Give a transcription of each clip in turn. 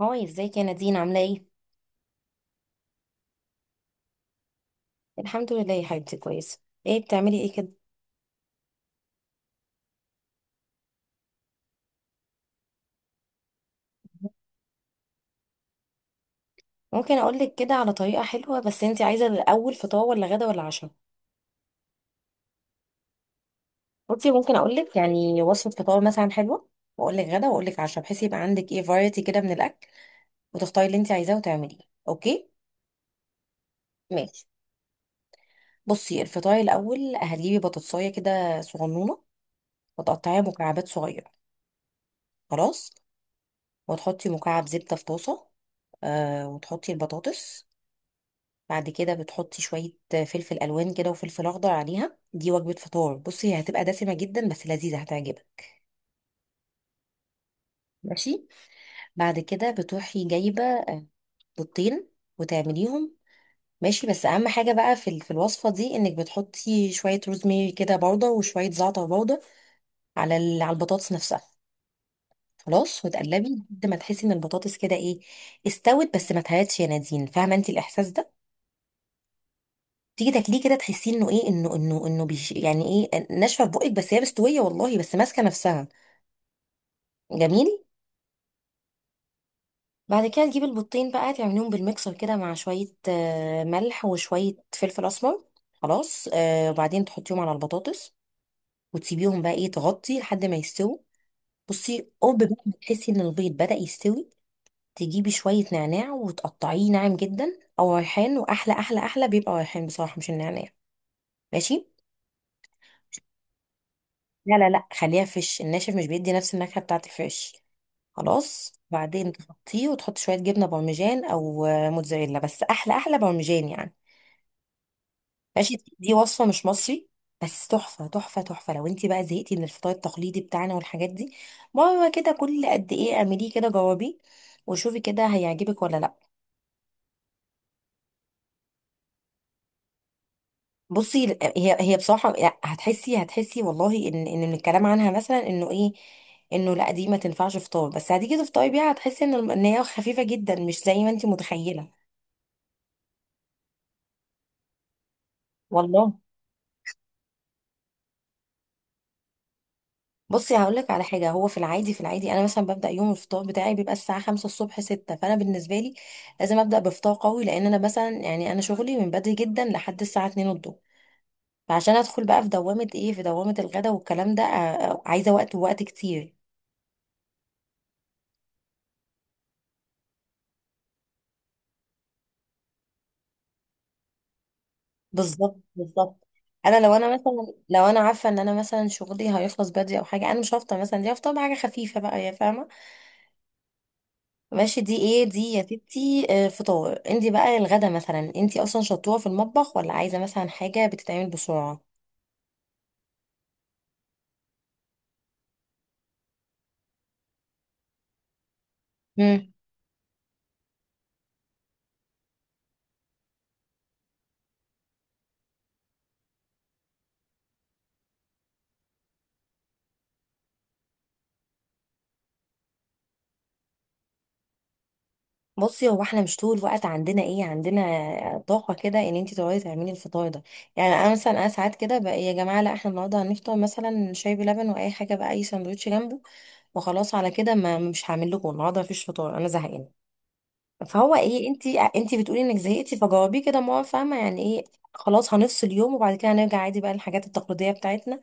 هاي، ازيك يا نادين؟ عاملة ايه؟ الحمد لله يا حبيبتي، كويسة. ايه بتعملي ايه كده؟ ممكن اقولك كده على طريقة حلوة، بس انتي عايزة الاول فطار ولا غدا ولا عشاء؟ بصي ممكن اقولك يعني وصفة فطار مثلا حلوة، واقولك غدا واقولك عشاء بحيث يبقى عندك ايه فرايتي كده من الاكل، وتختاري اللي انتي عايزاه وتعمليه. اوكي؟ ماشي. بصي الفطار الاول هتجيبي بطاطساية كده صغنونة وتقطعيها مكعبات صغيرة. خلاص. وتحطي مكعب زبدة في طاسة، آه وتحطي البطاطس. بعد كده بتحطي شوية فلفل ألوان كده وفلفل أخضر عليها، دي وجبة فطار بصي، هي هتبقى دسمة جدا بس لذيذة هتعجبك. ماشي. بعد كده بتروحي جايبة بيضتين وتعمليهم. ماشي بس أهم حاجة بقى في الوصفة دي إنك بتحطي شوية روزميري كده باودر وشوية زعتر باودر على البطاطس نفسها. خلاص. وتقلبي لحد ما تحسي إن البطاطس كده إيه، استوت بس ما اتهرتش. يا نادين، فاهمة أنت الإحساس ده؟ تيجي تاكليه كده تحسي انه ايه، انه بيش يعني، ايه، ناشفه في بقك بس هي مستويه والله، بس ماسكه نفسها. جميل. بعد كده تجيب البيضتين بقى، تعمليهم بالميكسر كده مع شويه ملح وشويه فلفل اسمر. خلاص. وبعدين تحطيهم على البطاطس وتسيبيهم بقى ايه، تغطي لحد ما يستووا. بصي قرب بقى ما تحسي ان البيض بدأ يستوي، تجيبي شويه نعناع وتقطعيه ناعم جدا او ريحان، واحلى احلى احلى بيبقى ريحان بصراحه، مش النعناع. ماشي. لا لا لا، خليها فيش. الناشف مش بيدي نفس النكهة بتاعت الفيش. خلاص. بعدين تحطيه وتحط شوية جبنة بارميجان أو موتزاريلا، بس أحلى أحلى بارميجان يعني. ماشي. دي وصفة مش مصري، بس تحفة تحفة تحفة. لو انت بقى زهقتي من الفطار التقليدي بتاعنا والحاجات دي، مرة كده كل قد ايه اعمليه كده، جربيه وشوفي كده هيعجبك ولا لا. بصي هي بصراحه، لا، هتحسي والله ان من الكلام عنها مثلا انه ايه، انه لا دي ما تنفعش فطار. بس هتيجي تفطري بيها هتحسي ان ان هي خفيفه جدا، مش زي ما انت متخيله. والله. بصي هقول لك على حاجه، هو في العادي انا مثلا ببدا يوم الفطار بتاعي بيبقى الساعه 5 الصبح 6، فانا بالنسبه لي لازم ابدا بفطار قوي، لان انا مثلا يعني انا شغلي من بدري جدا لحد الساعه 2 الظهر. فعشان ادخل بقى في دوامه ايه، في دوامه الغدا والكلام ده، عايزه وقت ووقت كتير. بالظبط بالظبط. انا لو انا مثلا، لو انا عارفه ان انا مثلا شغلي هيخلص بدري او حاجه، انا مش هفطر مثلا دي، هفطر بحاجه خفيفه بقى، يا فاهمه. ماشي. دي ايه دي يا ستي، فطار. انت بقى الغدا مثلا، انت اصلا شطوره في المطبخ ولا عايزه مثلا حاجه بتتعمل بسرعه؟ امم. بصي هو احنا مش طول الوقت عندنا ايه، عندنا طاقه كده ان انت تقعدي تعملي الفطار ده. يعني انا مثلا انا ساعات كده بقى إيه، يا جماعه لا احنا النهارده هنفطر مثلا شاي بلبن، واي حاجه بقى اي ساندوتش جنبه، وخلاص على كده. ما مش هعمل لكم النهارده، مفيش فطار، انا زهقانه. فهو ايه، انت بتقولي انك زهقتي، فجاوبيه كده ما هو فاهمه يعني ايه. خلاص هنفصل يوم، وبعد كده هنرجع عادي بقى الحاجات التقليديه بتاعتنا.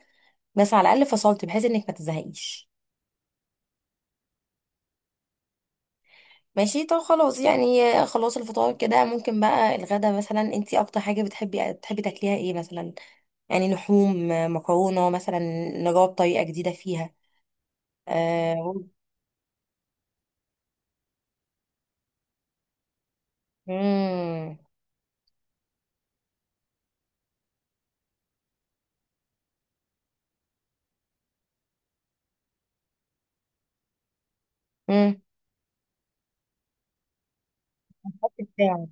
بس على الاقل فصلت بحيث انك ما تزهقيش. ماشي. طب خلاص يعني، خلاص الفطار كده. ممكن بقى الغدا مثلا، انت اكتر حاجه بتحبي، بتحبي تاكليها ايه مثلا؟ يعني لحوم، مكرونه مثلا، نجرب طريقه جديده فيها؟ آه، مم. مم. بتاعي.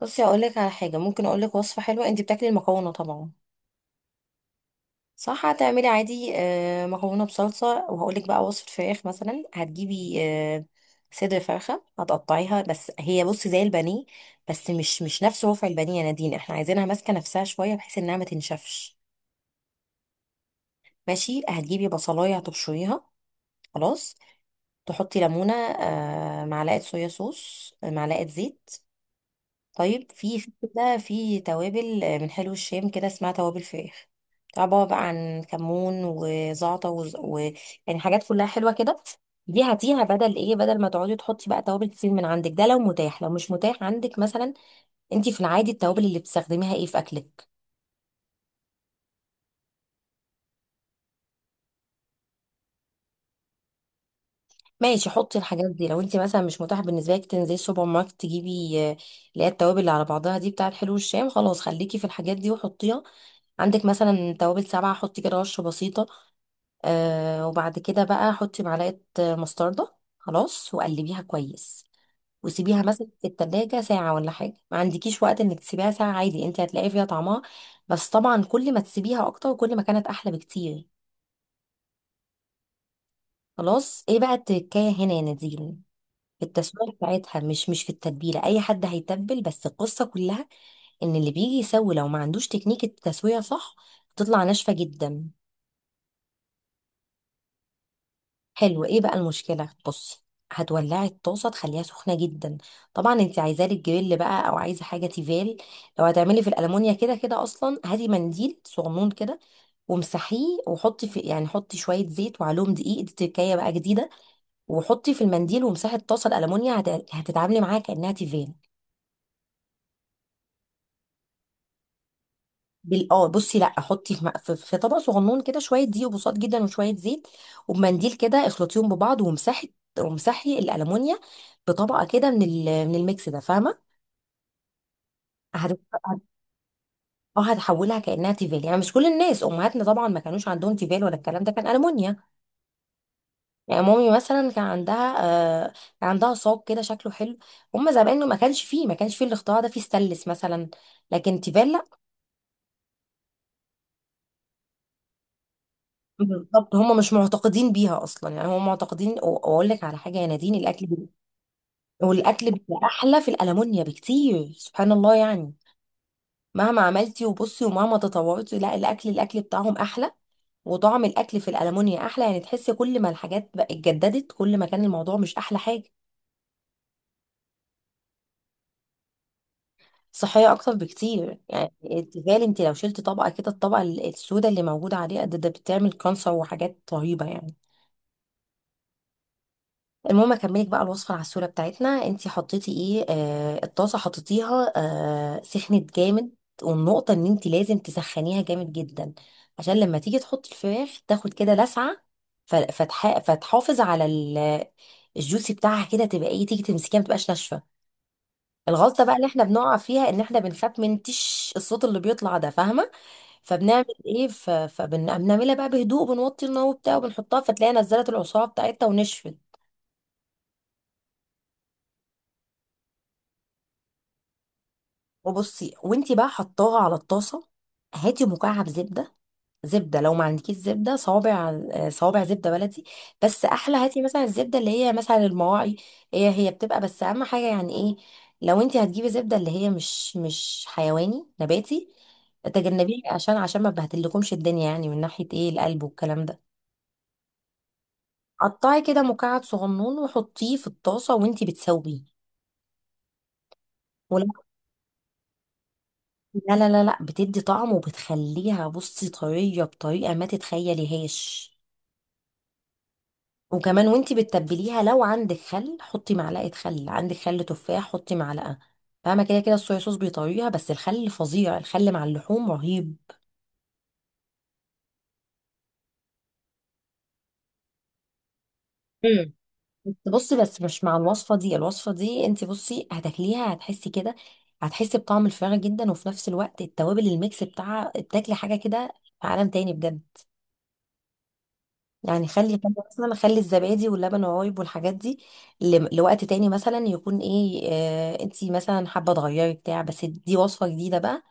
بصي اقول لك على حاجه، ممكن اقول لك وصفه حلوه. انت بتاكلي المكرونه طبعا، صح؟ هتعملي عادي مكرونه بصلصه، وهقول لك بقى وصفه فراخ مثلا. هتجيبي صدر فرخه، هتقطعيها بس هي بصي زي البانيه، بس مش نفس رفع البانيه يا نادين، احنا عايزينها ماسكه نفسها شويه بحيث انها ما تنشفش. ماشي. هتجيبي بصلايه هتبشريها. خلاص. تحطي ليمونه، معلقه صويا صوص، معلقه زيت. طيب في كده في توابل من حلو الشام كده، اسمها توابل فراخ. عبارة بقى عن كمون وزعتر يعني حاجات كلها حلوة كده. دي هاتيها بدل ايه، بدل ما تقعدي تحطي بقى توابل كتير من عندك. ده لو متاح، لو مش متاح عندك مثلا، انت في العادي التوابل اللي بتستخدميها ايه في اكلك؟ ماشي حطي الحاجات دي. لو انت مثلا مش متاح بالنسبه لك تنزلي السوبر ماركت تجيبي اللي هي التوابل اللي على بعضها دي بتاعت حلو الشام، خلاص خليكي في الحاجات دي وحطيها. عندك مثلا توابل سبعة حطي كده رشة بسيطة. وبعد كده بقى حطي معلقة مستردة، خلاص وقلبيها كويس، وسيبيها مثلا في التلاجة ساعة. ولا حاجة، ما عندكيش وقت انك تسيبيها ساعة عادي، انت هتلاقي فيها طعمها. بس طبعا كل ما تسيبيها اكتر كل ما كانت احلى بكتير. خلاص. ايه بقى التكاية هنا يا نادين؟ في التسوية بتاعتها، مش في التتبيلة. اي حد هيتبل، بس القصة كلها ان اللي بيجي يسوي، لو ما عندوش تكنيك التسوية صح، بتطلع ناشفة جدا. حلو. ايه بقى المشكله؟ بصي هتولعي الطاسه تخليها سخنه جدا. طبعا انت عايزاه للجريل بقى، او عايزه حاجه تيفال. لو هتعملي في الالمونيا كده كده، اصلا هاتي منديل صغنون كده وامسحيه، وحطي في، يعني حطي شويه زيت وعليهم دقيق، دي تركايه بقى جديده، وحطي في المنديل وامسحي الطاسه الالمونيا، هتتعاملي معاها كانها تيفال. بال... اه بصي لا، حطي في, م- في في طبق صغنون كده، شويه دقيق وبساط جدا وشويه زيت، وبمنديل كده اخلطيهم ببعض ومسحي، ومسحي الالومنيا بطبقه كده من من الميكس ده، فاهمه؟ هت- هت- اه هتحولها كانها تيفال. يعني مش كل الناس، امهاتنا طبعا ما كانوش عندهم تيفال ولا الكلام ده، كان الومنيا. يعني مامي مثلا كان عندها، آه صاج كده شكله حلو. هم زمان ما كانش فيه، ما كانش فيه الاختراع ده، فيه ستانلس مثلا لكن تيفال. بالظبط. هم مش معتقدين بيها اصلا يعني، هم معتقدين واقول لك على حاجه يا نادين، الاكل والاكل بيبقى احلى في الالمونيا بكتير، سبحان الله يعني. مهما عملتي وبصي ومهما تطورتي، لا، الاكل الاكل بتاعهم احلى، وطعم الاكل في الالمونيا احلى. يعني تحسي كل ما الحاجات بقى اتجددت، كل ما كان الموضوع مش احلى حاجه. صحيه اكتر بكتير. يعني تخيل انت لو شلت طبقه كده، الطبقه السوداء اللي موجوده عليها ده، ده بتعمل كانسر وحاجات رهيبه يعني. المهم اكملك بقى الوصفه العسوله بتاعتنا. انتي حطيتي ايه، الطاسه حطيتيها، سخنت جامد. والنقطه ان انتي لازم تسخنيها جامد جدا، عشان لما تيجي تحطي الفراخ تاخد كده لسعه، فتحافظ على الجوسي بتاعها، كده تبقى ايه، تيجي تمسكيها ما تبقاش ناشفه. الغلطه بقى اللي احنا بنقع فيها ان احنا بنخاف من تش، الصوت اللي بيطلع ده، فاهمه؟ فبنعمل ايه، فبنعملها بقى بهدوء، بنوطي النار وبتاع وبنحطها، فتلاقيها نزلت العصاره بتاعتها ونشفت. وبصي، وانتي بقى حطاها على الطاسه، هاتي مكعب زبده. زبده، لو ما عندكيش زبده صوابع، صوابع زبده بلدي، بس احلى هاتي مثلا الزبده اللي هي مثلا المواعي. هي بتبقى، بس اهم حاجه يعني ايه، لو انتي هتجيبي زبده اللي هي مش حيواني نباتي، تجنبيه عشان عشان ما بهدلكمش الدنيا يعني، من ناحيه ايه، القلب والكلام ده. قطعي كده مكعب صغنون وحطيه في الطاسه وانتي بتسويه. لا لا لا لا، بتدي طعم، وبتخليها بصي طرية بطريقة ما تتخيليهاش. وكمان وانتي بتتبليها، لو عندك خل حطي معلقة خل، عندك خل تفاح حطي معلقة. فاهمة، كده كده الصويا صوص بيطريها، بس الخل فظيع، الخل مع اللحوم رهيب. امم. بس بصي بس مش مع الوصفة دي. الوصفة دي انتي بصي هتاكليها هتحسي كده، هتحسي بطعم الفراخ جدا، وفي نفس الوقت التوابل الميكس بتاعها، بتاكلي حاجة كده في عالم تاني بجد. يعني خلي خلي مثلا، خلي الزبادي واللبن والرايب والحاجات دي لوقت تاني مثلا، يكون ايه، انتي مثلا حابه تغيري بتاع، بس دي وصفه جديده بقى.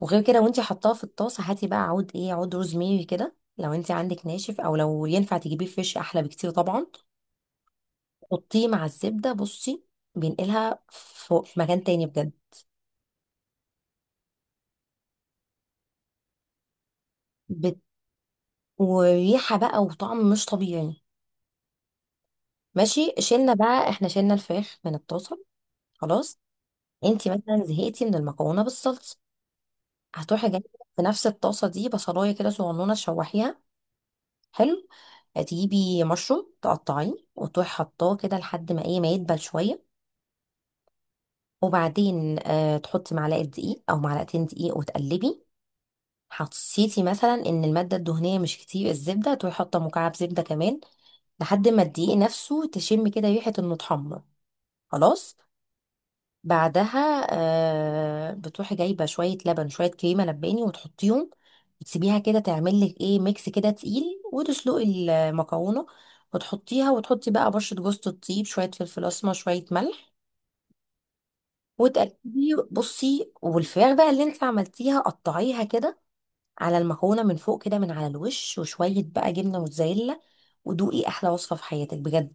وغير كده، وانتي حطاها في الطاسه، هاتي بقى عود ايه، عود روزميري كده. لو انتي عندك ناشف او لو ينفع تجيبيه فريش احلى بكتير طبعا. حطيه مع الزبده بصي، بينقلها فوق في مكان تاني بجد. بت... وريحه بقى وطعم مش طبيعي. ماشي. شلنا بقى احنا، شلنا الفراخ من الطاسه. خلاص. انتي مثلا زهقتي من المكرونه بالصلصه، هتروحي جايبه في نفس الطاسه دي بصلايه كده صغنونه تشوحيها. حلو. هتجيبي مشروم تقطعيه، وتروحي حطاه كده لحد ما ايه، ما يدبل شويه. وبعدين تحطي معلقه دقيق او معلقتين دقيق وتقلبي. حسيتي مثلا ان الماده الدهنيه مش كتير، الزبده، تروحي حاطه مكعب زبده كمان لحد ما الدقيق نفسه تشم كده ريحه انه اتحمر. خلاص. بعدها بتروحي جايبه شويه لبن شويه كريمه لباني وتحطيهم، وتسيبيها كده تعمل لك ايه، ميكس كده تقيل. وتسلقي المكرونه وتحطيها، وتحطي بقى بشره جوز الطيب، شويه فلفل اسمر، شويه ملح، وتقلبي بصي. والفراخ بقى اللي انت عملتيها قطعيها كده على المكرونه من فوق، كده من على الوش، وشويه بقى جبنه موتزاريلا، ودوقي احلى وصفه في حياتك بجد.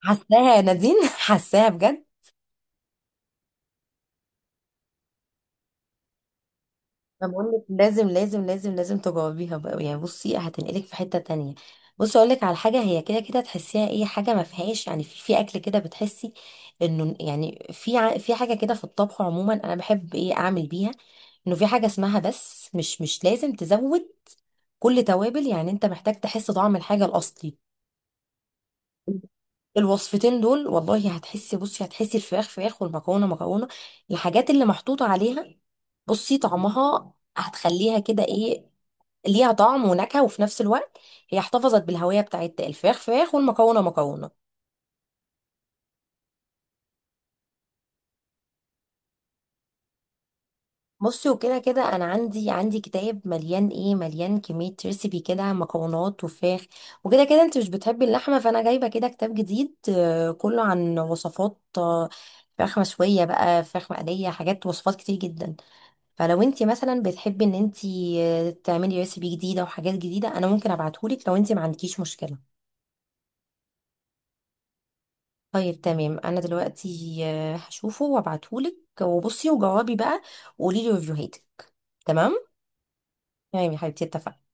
حاساها يا نادين حاساها بجد. ما بقولك لازم لازم لازم لازم تجاوبيها بقى. يعني بصي، هتنقلك في حتة تانية. بصي اقولك على حاجة، هي كده كده تحسيها ايه، حاجة ما فيهاش يعني في اكل كده بتحسي انه يعني في في حاجة كده في الطبخ عموما، انا بحب ايه، اعمل بيها، انه في حاجة اسمها بس مش لازم تزود كل توابل. يعني انت محتاج تحس طعم الحاجة الاصلي. الوصفتين دول والله هتحسي بصي هتحسي الفراخ فراخ والمكرونه مكرونه. الحاجات اللي محطوطه عليها بصي طعمها، هتخليها كده ايه، ليها طعم ونكهه، وفي نفس الوقت هي احتفظت بالهويه بتاعت الفراخ فراخ والمكرونه مكرونه. بصي، وكده كده انا عندي كتاب مليان ايه، مليان كميه ريسيبي كده، مكرونات وفراخ، وكده كده انت مش بتحبي اللحمه، فانا جايبه كده كتاب جديد كله عن وصفات فراخ مشويه بقى، فراخ مقليه، حاجات وصفات كتير جدا. فلو انت مثلا بتحبي ان انت تعملي ريسيبي جديده وحاجات جديده، انا ممكن ابعتهولك لو انت ما عندكيش مشكله. طيب تمام. انا دلوقتي هشوفه وابعتهولك، وبصي وجاوبي بقى، وقولي لي ريفيوهاتك. تمام. تمام يا حبيبتي، اتفقنا.